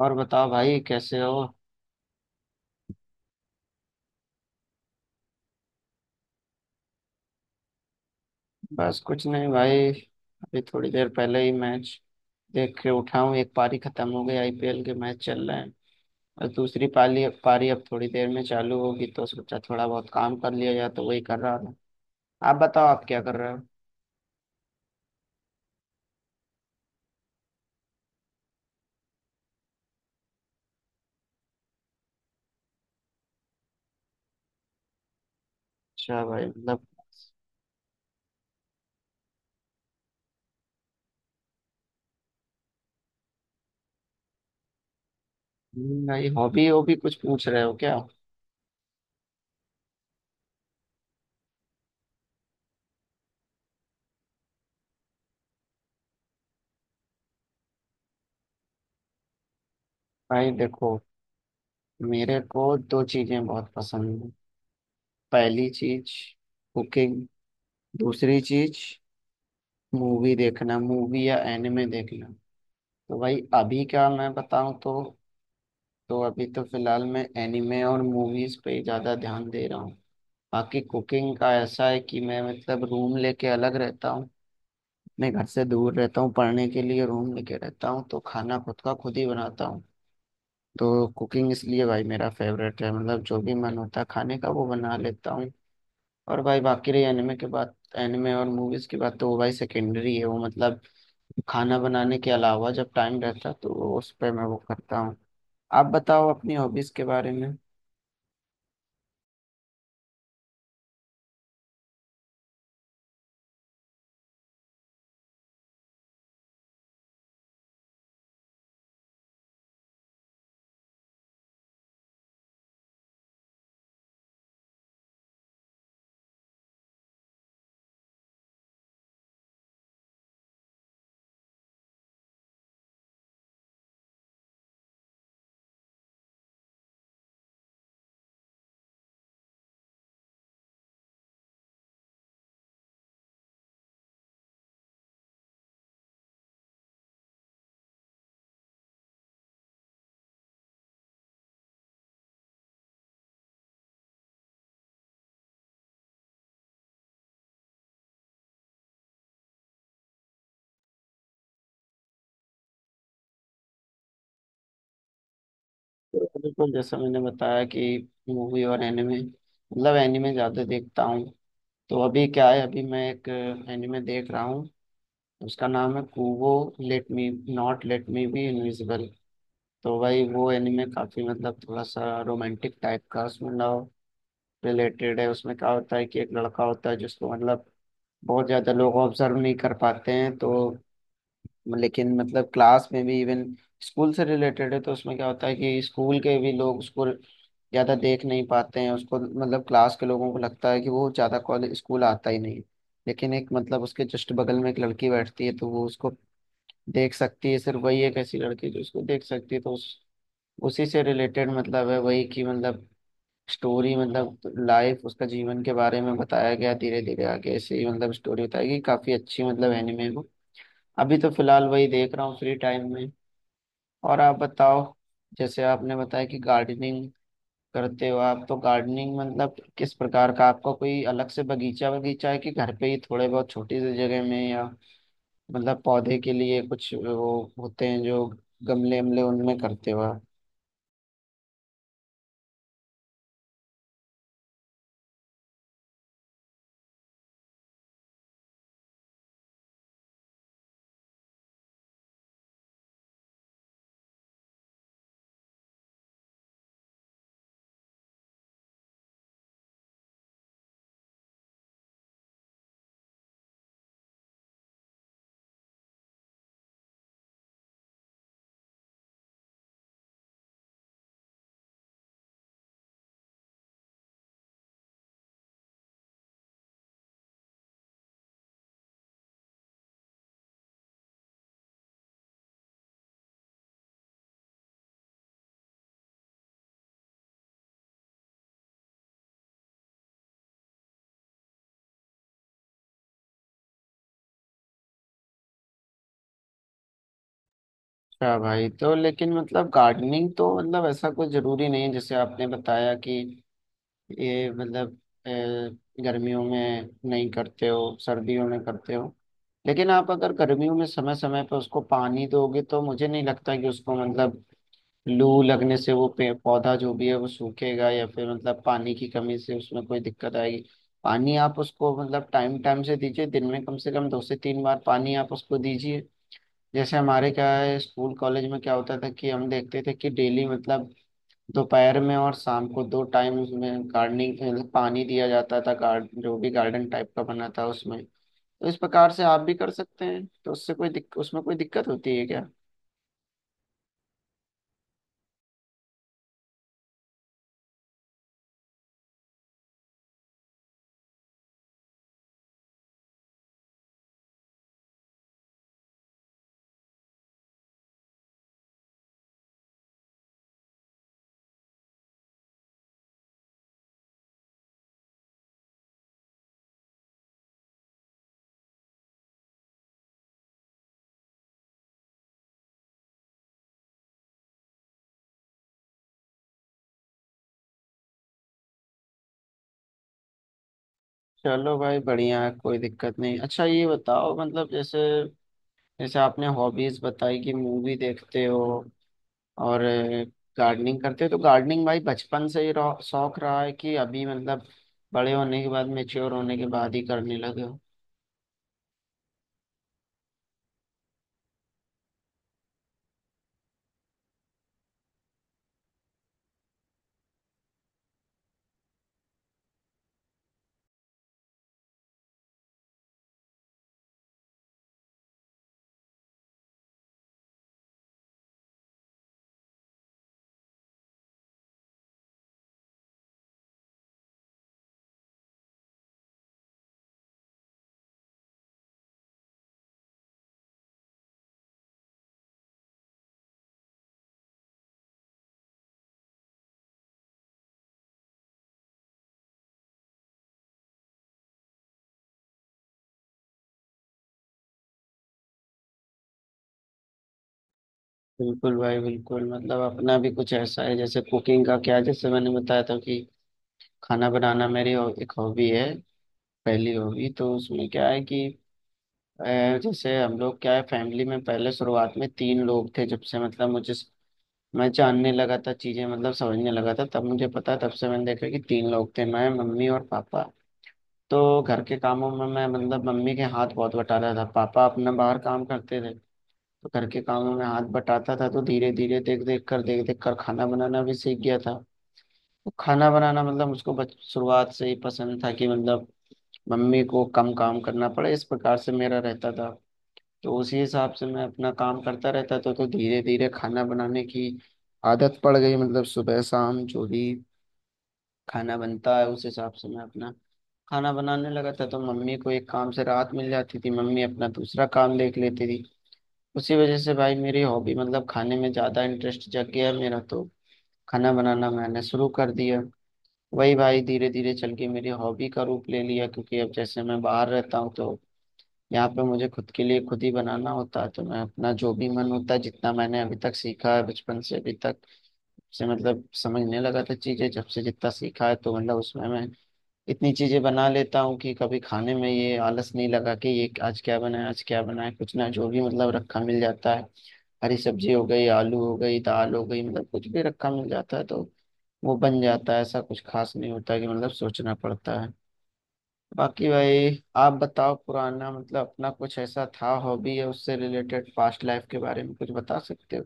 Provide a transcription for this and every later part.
और बताओ भाई कैसे हो। बस कुछ नहीं भाई। अभी थोड़ी देर पहले ही मैच देख के उठा हूँ। एक पारी खत्म हो गई, आईपीएल के मैच चल रहे हैं और दूसरी पाली पारी अब थोड़ी देर में चालू होगी, तो सोचा थोड़ा बहुत काम कर लिया जाए, तो वही कर रहा था। आप बताओ, आप क्या कर रहे हो। अच्छा भाई, मतलब भाई हॉबी हॉबी कुछ पूछ रहे हो क्या। भाई देखो, मेरे को दो चीजें बहुत पसंद है। पहली चीज कुकिंग, दूसरी चीज मूवी देखना, मूवी या एनिमे देखना। तो भाई अभी का मैं बताऊं तो, अभी तो फिलहाल मैं एनिमे और मूवीज पे ही ज्यादा ध्यान दे रहा हूँ। बाकी कुकिंग का ऐसा है कि मैं मतलब रूम लेके अलग रहता हूँ। मैं घर से दूर रहता हूँ, पढ़ने के लिए रूम लेके रहता हूँ, तो खाना खुद का खुद ही बनाता हूँ। तो कुकिंग इसलिए भाई मेरा फेवरेट है, मतलब जो भी मन होता है खाने का वो बना लेता हूँ। और भाई बाकी रही एनिमे और मूवीज की बात, तो वो भाई सेकेंडरी है। वो मतलब खाना बनाने के अलावा जब टाइम रहता है, तो उस पर मैं वो करता हूँ। आप बताओ अपनी हॉबीज के बारे में। बिल्कुल, जैसा मैंने बताया कि मूवी और एनिमे, मतलब एनिमे ज़्यादा देखता हूँ। तो अभी क्या है, अभी मैं एक एनिमे देख रहा हूँ। उसका नाम है Kubo, let me not let me be invisible. तो भाई वो एनिमे काफ़ी मतलब थोड़ा सा रोमांटिक टाइप का, उसमें लव रिलेटेड है। उसमें क्या होता है कि एक लड़का होता है जिसको मतलब बहुत ज़्यादा लोग ऑब्जर्व नहीं कर पाते हैं, तो लेकिन मतलब क्लास में भी इवन, स्कूल से रिलेटेड है, तो उसमें क्या होता है कि स्कूल के भी लोग उसको ज़्यादा देख नहीं पाते हैं, उसको मतलब क्लास के लोगों को लगता है कि वो ज़्यादा कॉलेज स्कूल आता ही नहीं। लेकिन एक मतलब उसके जस्ट बगल में एक लड़की बैठती है, तो वो उसको देख सकती है, सिर्फ वही एक ऐसी लड़की है जो उसको देख सकती है, तो उस उसी से रिलेटेड मतलब है, वही की मतलब स्टोरी, मतलब लाइफ, उसका जीवन के बारे में बताया गया। धीरे धीरे आगे ऐसे ही मतलब स्टोरी बताई गई, काफ़ी अच्छी मतलब एनिमे वो। अभी तो फिलहाल वही देख रहा हूँ फ्री टाइम में। और आप बताओ, जैसे आपने बताया कि गार्डनिंग करते हो आप, तो गार्डनिंग मतलब किस प्रकार का, आपका कोई अलग से बगीचा बगीचा है कि घर पे ही थोड़े बहुत छोटी सी जगह में, या मतलब पौधे के लिए कुछ वो होते हैं जो गमले वमले उनमें करते हो आप। अच्छा भाई, तो लेकिन मतलब गार्डनिंग तो मतलब ऐसा कुछ जरूरी नहीं है, जैसे आपने बताया कि ये मतलब अ, गर्मियों में नहीं करते हो, सर्दियों में करते हो। लेकिन आप अगर गर्मियों में समय समय पर उसको पानी दोगे, तो मुझे नहीं लगता कि उसको मतलब लू लगने से वो पे पौधा जो भी है वो सूखेगा या फिर मतलब पानी की कमी से उसमें कोई दिक्कत आएगी। पानी आप उसको मतलब टाइम टाइम से दीजिए, दिन में कम से कम दो से तीन बार पानी आप उसको दीजिए। जैसे हमारे क्या है, स्कूल कॉलेज में क्या होता था कि हम देखते थे कि डेली मतलब दोपहर में और शाम को दो टाइम उसमें गार्डनिंग पानी दिया जाता था, गार्ड जो भी गार्डन टाइप का बना था उसमें। तो इस प्रकार से आप भी कर सकते हैं, तो उससे कोई उसमें कोई दिक्कत होती है क्या। चलो भाई बढ़िया है, कोई दिक्कत नहीं। अच्छा ये बताओ मतलब, जैसे जैसे आपने हॉबीज बताई कि मूवी देखते हो और गार्डनिंग करते हो, तो गार्डनिंग भाई बचपन से ही शौक रहा है कि अभी मतलब बड़े होने के बाद, मेच्योर होने के बाद ही करने लगे हो। बिल्कुल भाई बिल्कुल, मतलब अपना भी कुछ ऐसा है, जैसे कुकिंग का क्या है, जैसे मैंने बताया था कि खाना बनाना मेरी एक हॉबी है, पहली हॉबी। तो उसमें क्या है कि अ, जैसे हम लोग क्या है, फैमिली में पहले शुरुआत में तीन लोग थे, जब से मतलब मुझे मैं जानने लगा था चीजें मतलब समझने लगा था, तब मुझे पता, तब से मैंने देखा कि तीन लोग थे, मैं मम्मी और पापा। तो घर के कामों में मैं मतलब मम्मी के हाथ बहुत बटाता था, पापा अपना बाहर काम करते थे। तो घर के कामों में हाथ बटाता था, तो धीरे धीरे देख देख कर खाना बनाना भी सीख गया था। तो खाना बनाना मतलब उसको बच शुरुआत से ही पसंद था कि मतलब मम्मी को कम काम करना पड़े, इस प्रकार से मेरा रहता था। तो उसी हिसाब से मैं अपना काम करता रहता था, तो धीरे धीरे खाना बनाने की आदत पड़ गई। मतलब सुबह शाम जो भी खाना बनता है उस हिसाब से मैं अपना खाना बनाने लगा था, तो मम्मी को एक काम से राहत मिल जाती थी, मम्मी अपना दूसरा काम देख लेती थी। उसी वजह से भाई मेरी हॉबी मतलब खाने में ज्यादा इंटरेस्ट जग गया है मेरा, तो खाना बनाना मैंने शुरू कर दिया। वही भाई धीरे धीरे चल के मेरी हॉबी का रूप ले लिया, क्योंकि अब जैसे मैं बाहर रहता हूँ, तो यहाँ पे मुझे खुद के लिए खुद ही बनाना होता है, तो मैं अपना जो भी मन होता है, जितना मैंने अभी तक सीखा है, बचपन से अभी तक से मतलब समझने लगा था चीजें जब से, जितना सीखा है तो मतलब उसमें मैं इतनी चीजें बना लेता हूँ कि कभी खाने में ये आलस नहीं लगा कि ये आज क्या बनाए। कुछ ना, जो भी मतलब रखा मिल जाता है, हरी सब्जी हो गई, आलू हो गई, दाल हो गई, मतलब कुछ भी रखा मिल जाता है, तो वो बन जाता है, ऐसा कुछ खास नहीं होता कि मतलब सोचना पड़ता है। बाकी भाई आप बताओ, पुराना मतलब अपना कुछ ऐसा था हॉबी या उससे रिलेटेड, पास्ट लाइफ के बारे में कुछ बता सकते हो।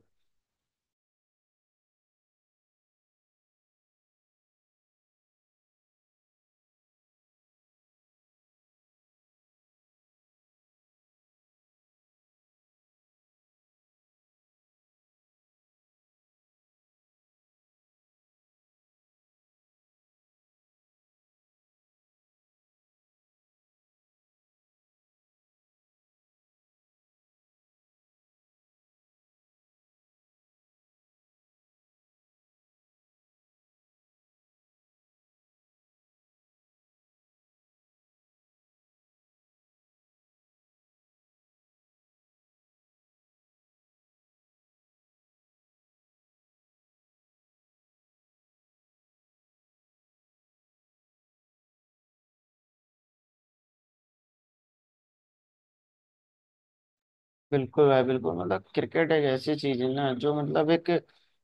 बिल्कुल भाई बिल्कुल, मतलब क्रिकेट एक ऐसी चीज है ना जो मतलब एक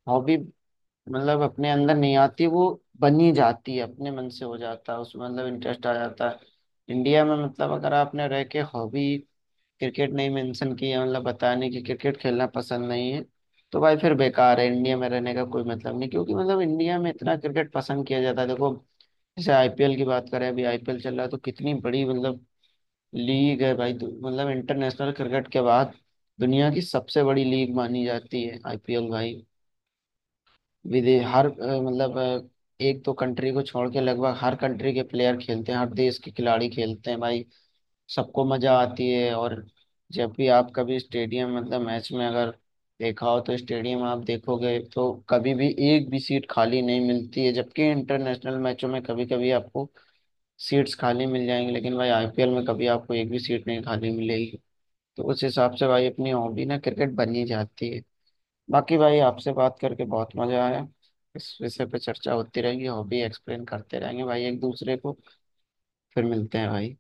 हॉबी मतलब अपने अंदर नहीं आती, वो बनी जाती है, अपने मन से हो जाता है उसमें मतलब इंटरेस्ट आ जाता है। इंडिया में मतलब अगर आपने रह के हॉबी क्रिकेट नहीं मेंशन किया, मतलब बताने कि क्रिकेट खेलना पसंद नहीं है, तो भाई फिर बेकार है, इंडिया में रहने का कोई मतलब नहीं, क्योंकि मतलब इंडिया में इतना क्रिकेट पसंद किया जाता है। देखो जैसे आईपीएल की बात करें, अभी आईपीएल चल रहा है, तो कितनी बड़ी मतलब लीग है भाई, मतलब इंटरनेशनल क्रिकेट के बाद दुनिया की सबसे बड़ी लीग मानी जाती है आईपीएल भाई। विदेश, हर अ, मतलब अ, एक दो कंट्री को छोड़ के लगभग हर कंट्री के प्लेयर खेलते हैं, हर देश के खिलाड़ी खेलते हैं भाई, सबको मजा आती है। और जब भी आप कभी स्टेडियम मतलब मैच में अगर देखा हो तो स्टेडियम आप देखोगे तो कभी भी एक भी सीट खाली नहीं मिलती है, जबकि इंटरनेशनल मैचों में कभी कभी आपको सीट्स खाली मिल जाएंगी, लेकिन भाई आईपीएल में कभी आपको एक भी सीट नहीं खाली मिलेगी। तो उस हिसाब से भाई अपनी हॉबी ना क्रिकेट बन ही जाती है। बाकी भाई आपसे बात करके बहुत मजा आया, इस विषय पे चर्चा होती रहेगी, हॉबी एक्सप्लेन करते रहेंगे भाई एक दूसरे को। फिर मिलते हैं भाई।